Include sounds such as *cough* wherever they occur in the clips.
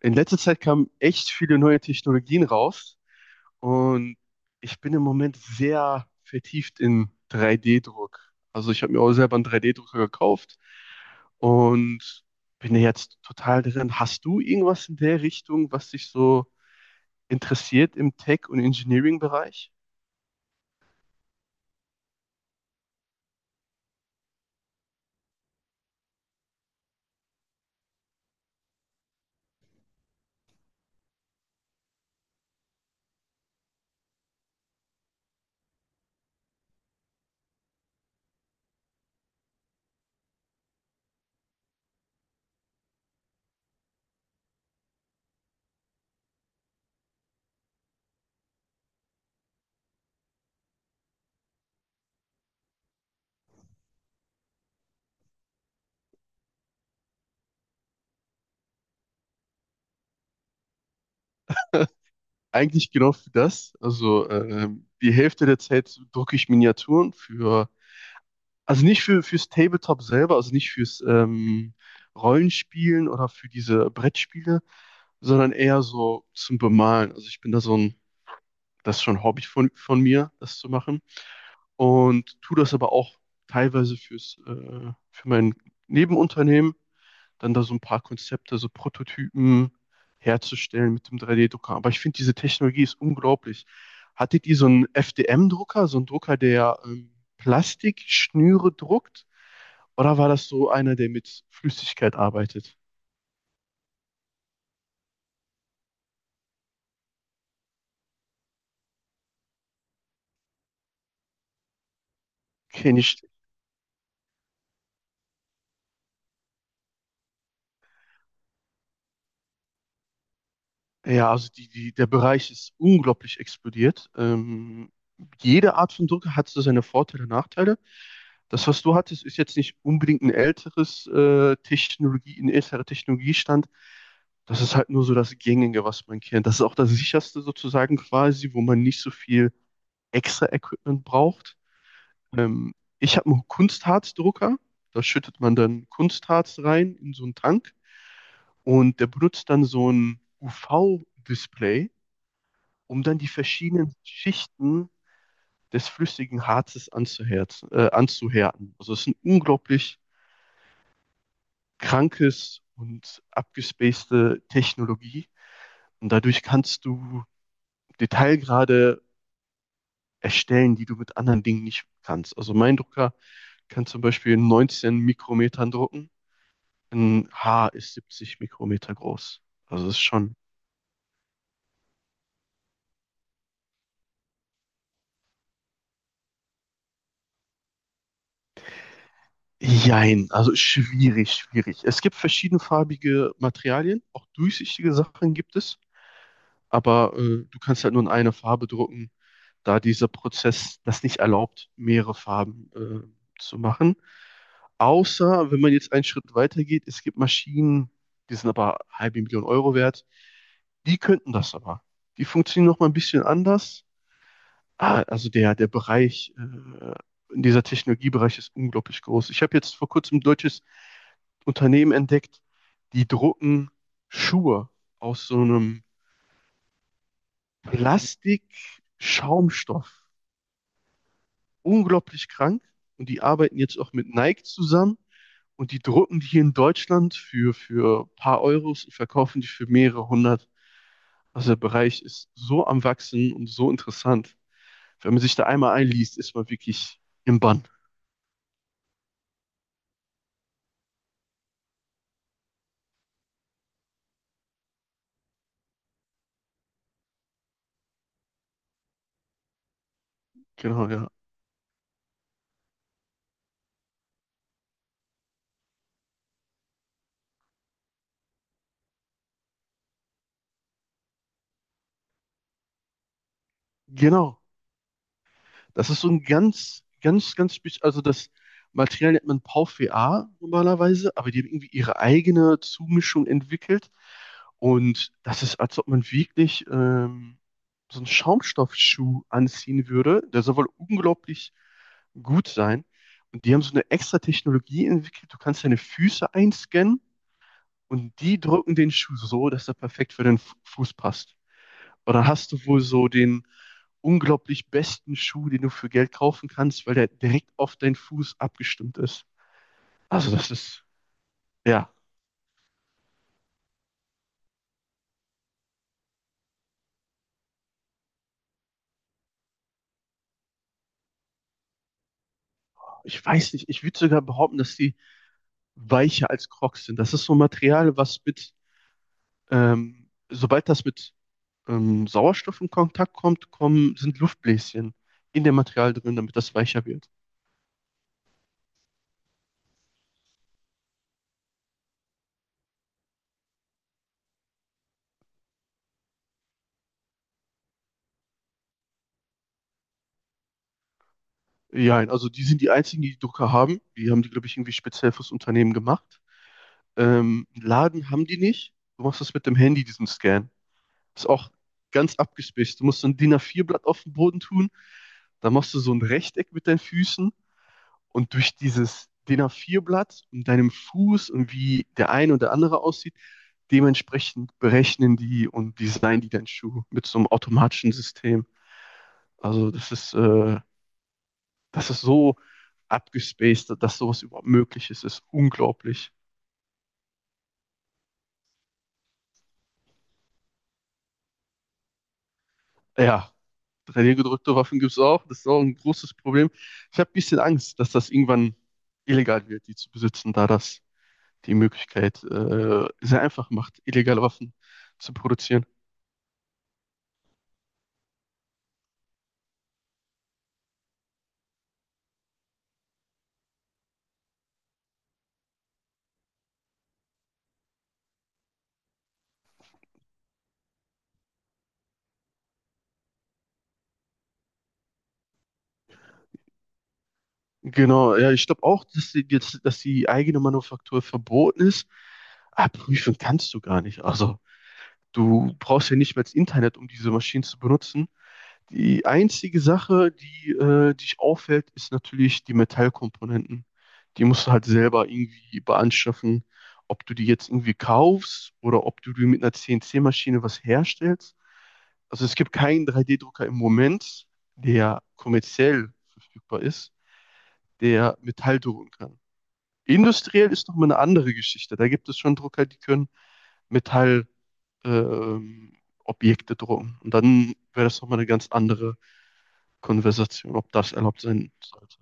In letzter Zeit kamen echt viele neue Technologien raus und ich bin im Moment sehr vertieft in 3D-Druck. Also ich habe mir auch selber einen 3D-Drucker gekauft und bin ja jetzt total drin. Hast du irgendwas in der Richtung, was dich so interessiert im Tech- und Engineering-Bereich? Eigentlich genau für das. Also die Hälfte der Zeit drucke ich Miniaturen. Für Also nicht fürs Tabletop selber, also nicht fürs Rollenspielen oder für diese Brettspiele, sondern eher so zum Bemalen. Also ich bin da so ein, das ist schon ein Hobby von mir, das zu machen. Und tue das aber auch teilweise für mein Nebenunternehmen, dann da so ein paar Konzepte, so Prototypen herzustellen mit dem 3D-Drucker. Aber ich finde, diese Technologie ist unglaublich. Hattet ihr so einen FDM-Drucker, so einen Drucker, der Plastikschnüre druckt? Oder war das so einer, der mit Flüssigkeit arbeitet? Kenne ich. Ja, also der Bereich ist unglaublich explodiert. Jede Art von Drucker hat so seine Vorteile und Nachteile. Das, was du hattest, ist jetzt nicht unbedingt ein älteres Technologie, ein älterer Technologiestand. Das ist halt nur so das Gängige, was man kennt. Das ist auch das sicherste sozusagen quasi, wo man nicht so viel extra Equipment braucht. Ähm, Ich habe einen Kunstharzdrucker. Da schüttet man dann Kunstharz rein in so einen Tank und der benutzt dann so ein UV-Display, um dann die verschiedenen Schichten des flüssigen Harzes anzuhärten. Also es ist ein unglaublich krankes und abgespacete Technologie, und dadurch kannst du Detailgrade erstellen, die du mit anderen Dingen nicht kannst. Also mein Drucker kann zum Beispiel in Mikrometern drucken. Ein Haar ist 70 Mikrometer groß. Also das ist schon, jein, also schwierig, schwierig. Es gibt verschiedenfarbige Materialien, auch durchsichtige Sachen gibt es, aber du kannst halt nur in einer Farbe drucken, da dieser Prozess das nicht erlaubt, mehrere Farben zu machen. Außer, wenn man jetzt einen Schritt weiter geht, es gibt Maschinen, die sind aber halbe Million Euro wert, die könnten das aber. Die funktionieren noch mal ein bisschen anders. Ah, also der Bereich, dieser Technologiebereich ist unglaublich groß. Ich habe jetzt vor kurzem ein deutsches Unternehmen entdeckt, die drucken Schuhe aus so einem Plastik-Schaumstoff. Unglaublich krank. Und die arbeiten jetzt auch mit Nike zusammen und die drucken die hier in Deutschland für ein paar Euros und verkaufen die für mehrere hundert. Also der Bereich ist so am Wachsen und so interessant. Wenn man sich da einmal einliest, ist man wirklich im Bann. Genau, ja. Genau. Das ist so ein ganz, ganz, ganz spezieller, also das Material nennt man PauVA normalerweise, aber die haben irgendwie ihre eigene Zumischung entwickelt. Und das ist, als ob man wirklich so einen Schaumstoffschuh anziehen würde. Der soll wohl unglaublich gut sein. Und die haben so eine extra Technologie entwickelt. Du kannst deine Füße einscannen und die drücken den Schuh so, dass er perfekt für den Fuß passt. Und dann hast du wohl so den unglaublich besten Schuh, den du für Geld kaufen kannst, weil der direkt auf deinen Fuß abgestimmt ist. Also das ist, ja, ich weiß nicht, ich würde sogar behaupten, dass die weicher als Crocs sind. Das ist so ein Material, was sobald das mit Sauerstoff in Kontakt kommt, sind Luftbläschen in dem Material drin, damit das weicher wird. Ja, also die sind die einzigen, die die Drucker haben. Die haben die, glaube ich, irgendwie speziell fürs Unternehmen gemacht. Laden haben die nicht. Du machst das mit dem Handy, diesen Scan. Ist auch ganz abgespaced. Du musst so ein DIN A4-Blatt auf den Boden tun. Dann machst du so ein Rechteck mit deinen Füßen und durch dieses DIN A4-Blatt und deinem Fuß und wie der eine oder andere aussieht, dementsprechend berechnen die und designen die deinen Schuh mit so einem automatischen System. Also das ist so abgespaced, dass sowas überhaupt möglich ist, ist unglaublich. Ja, 3D-gedrückte Waffen gibt's auch. Das ist auch ein großes Problem. Ich habe ein bisschen Angst, dass das irgendwann illegal wird, die zu besitzen, da das die Möglichkeit sehr einfach macht, illegale Waffen zu produzieren. Genau, ja, ich glaube auch, dass die eigene Manufaktur verboten ist. Aber prüfen kannst du gar nicht. Also, du brauchst ja nicht mehr das Internet, um diese Maschinen zu benutzen. Die einzige Sache, die dich auffällt, ist natürlich die Metallkomponenten. Die musst du halt selber irgendwie beanschaffen, ob du die jetzt irgendwie kaufst oder ob du die mit einer CNC-Maschine was herstellst. Also es gibt keinen 3D-Drucker im Moment, der kommerziell verfügbar ist, der Metall drucken kann. Industriell ist nochmal eine andere Geschichte. Da gibt es schon Drucker, die können Metall ähm, Objekte drucken. Und dann wäre das nochmal eine ganz andere Konversation, ob das erlaubt sein sollte.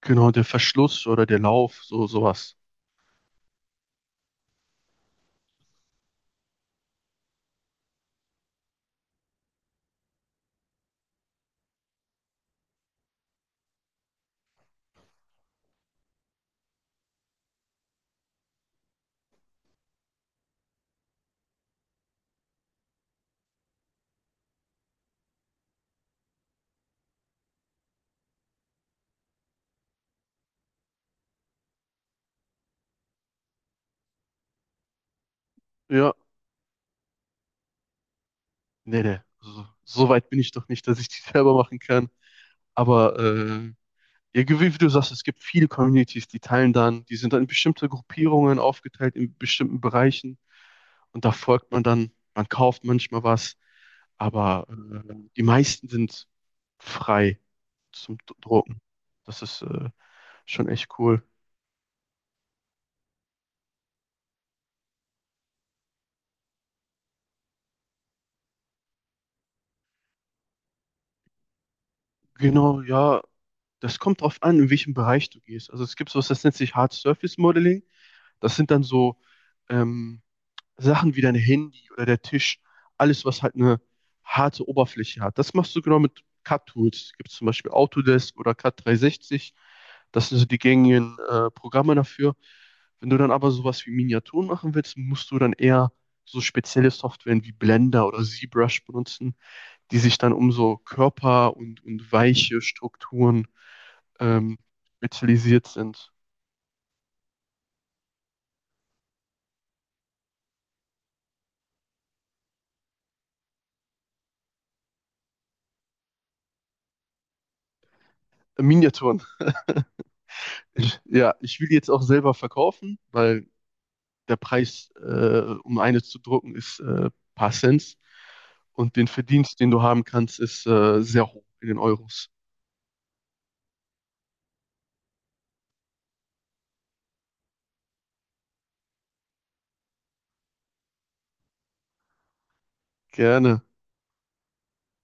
Genau, der Verschluss oder der Lauf, so sowas. Ja, nee, nee. So weit bin ich doch nicht, dass ich die *laughs* selber machen kann. Aber ja, wie du sagst, es gibt viele Communities, die teilen dann, die sind dann in bestimmte Gruppierungen aufgeteilt, in bestimmten Bereichen. Und da folgt man dann, man kauft manchmal was, aber die meisten sind frei zum Drucken. Das ist schon echt cool. Genau, ja, das kommt drauf an, in welchem Bereich du gehst. Also es gibt sowas, das nennt sich Hard Surface Modeling. Das sind dann so ähm, Sachen wie dein Handy oder der Tisch, alles, was halt eine harte Oberfläche hat. Das machst du genau mit CAD-Tools. Gibt es zum Beispiel Autodesk oder CAD 360. Das sind so die gängigen Programme dafür. Wenn du dann aber sowas wie Miniaturen machen willst, musst du dann eher so spezielle Softwaren wie Blender oder ZBrush benutzen, die sich dann um so Körper und weiche Strukturen ähm, spezialisiert sind. Miniaturen. Ja, ich will die jetzt auch selber verkaufen, weil der Preis, um eine zu drucken, ist paar Cent. Und den Verdienst, den du haben kannst, ist sehr hoch in den Euros. Gerne.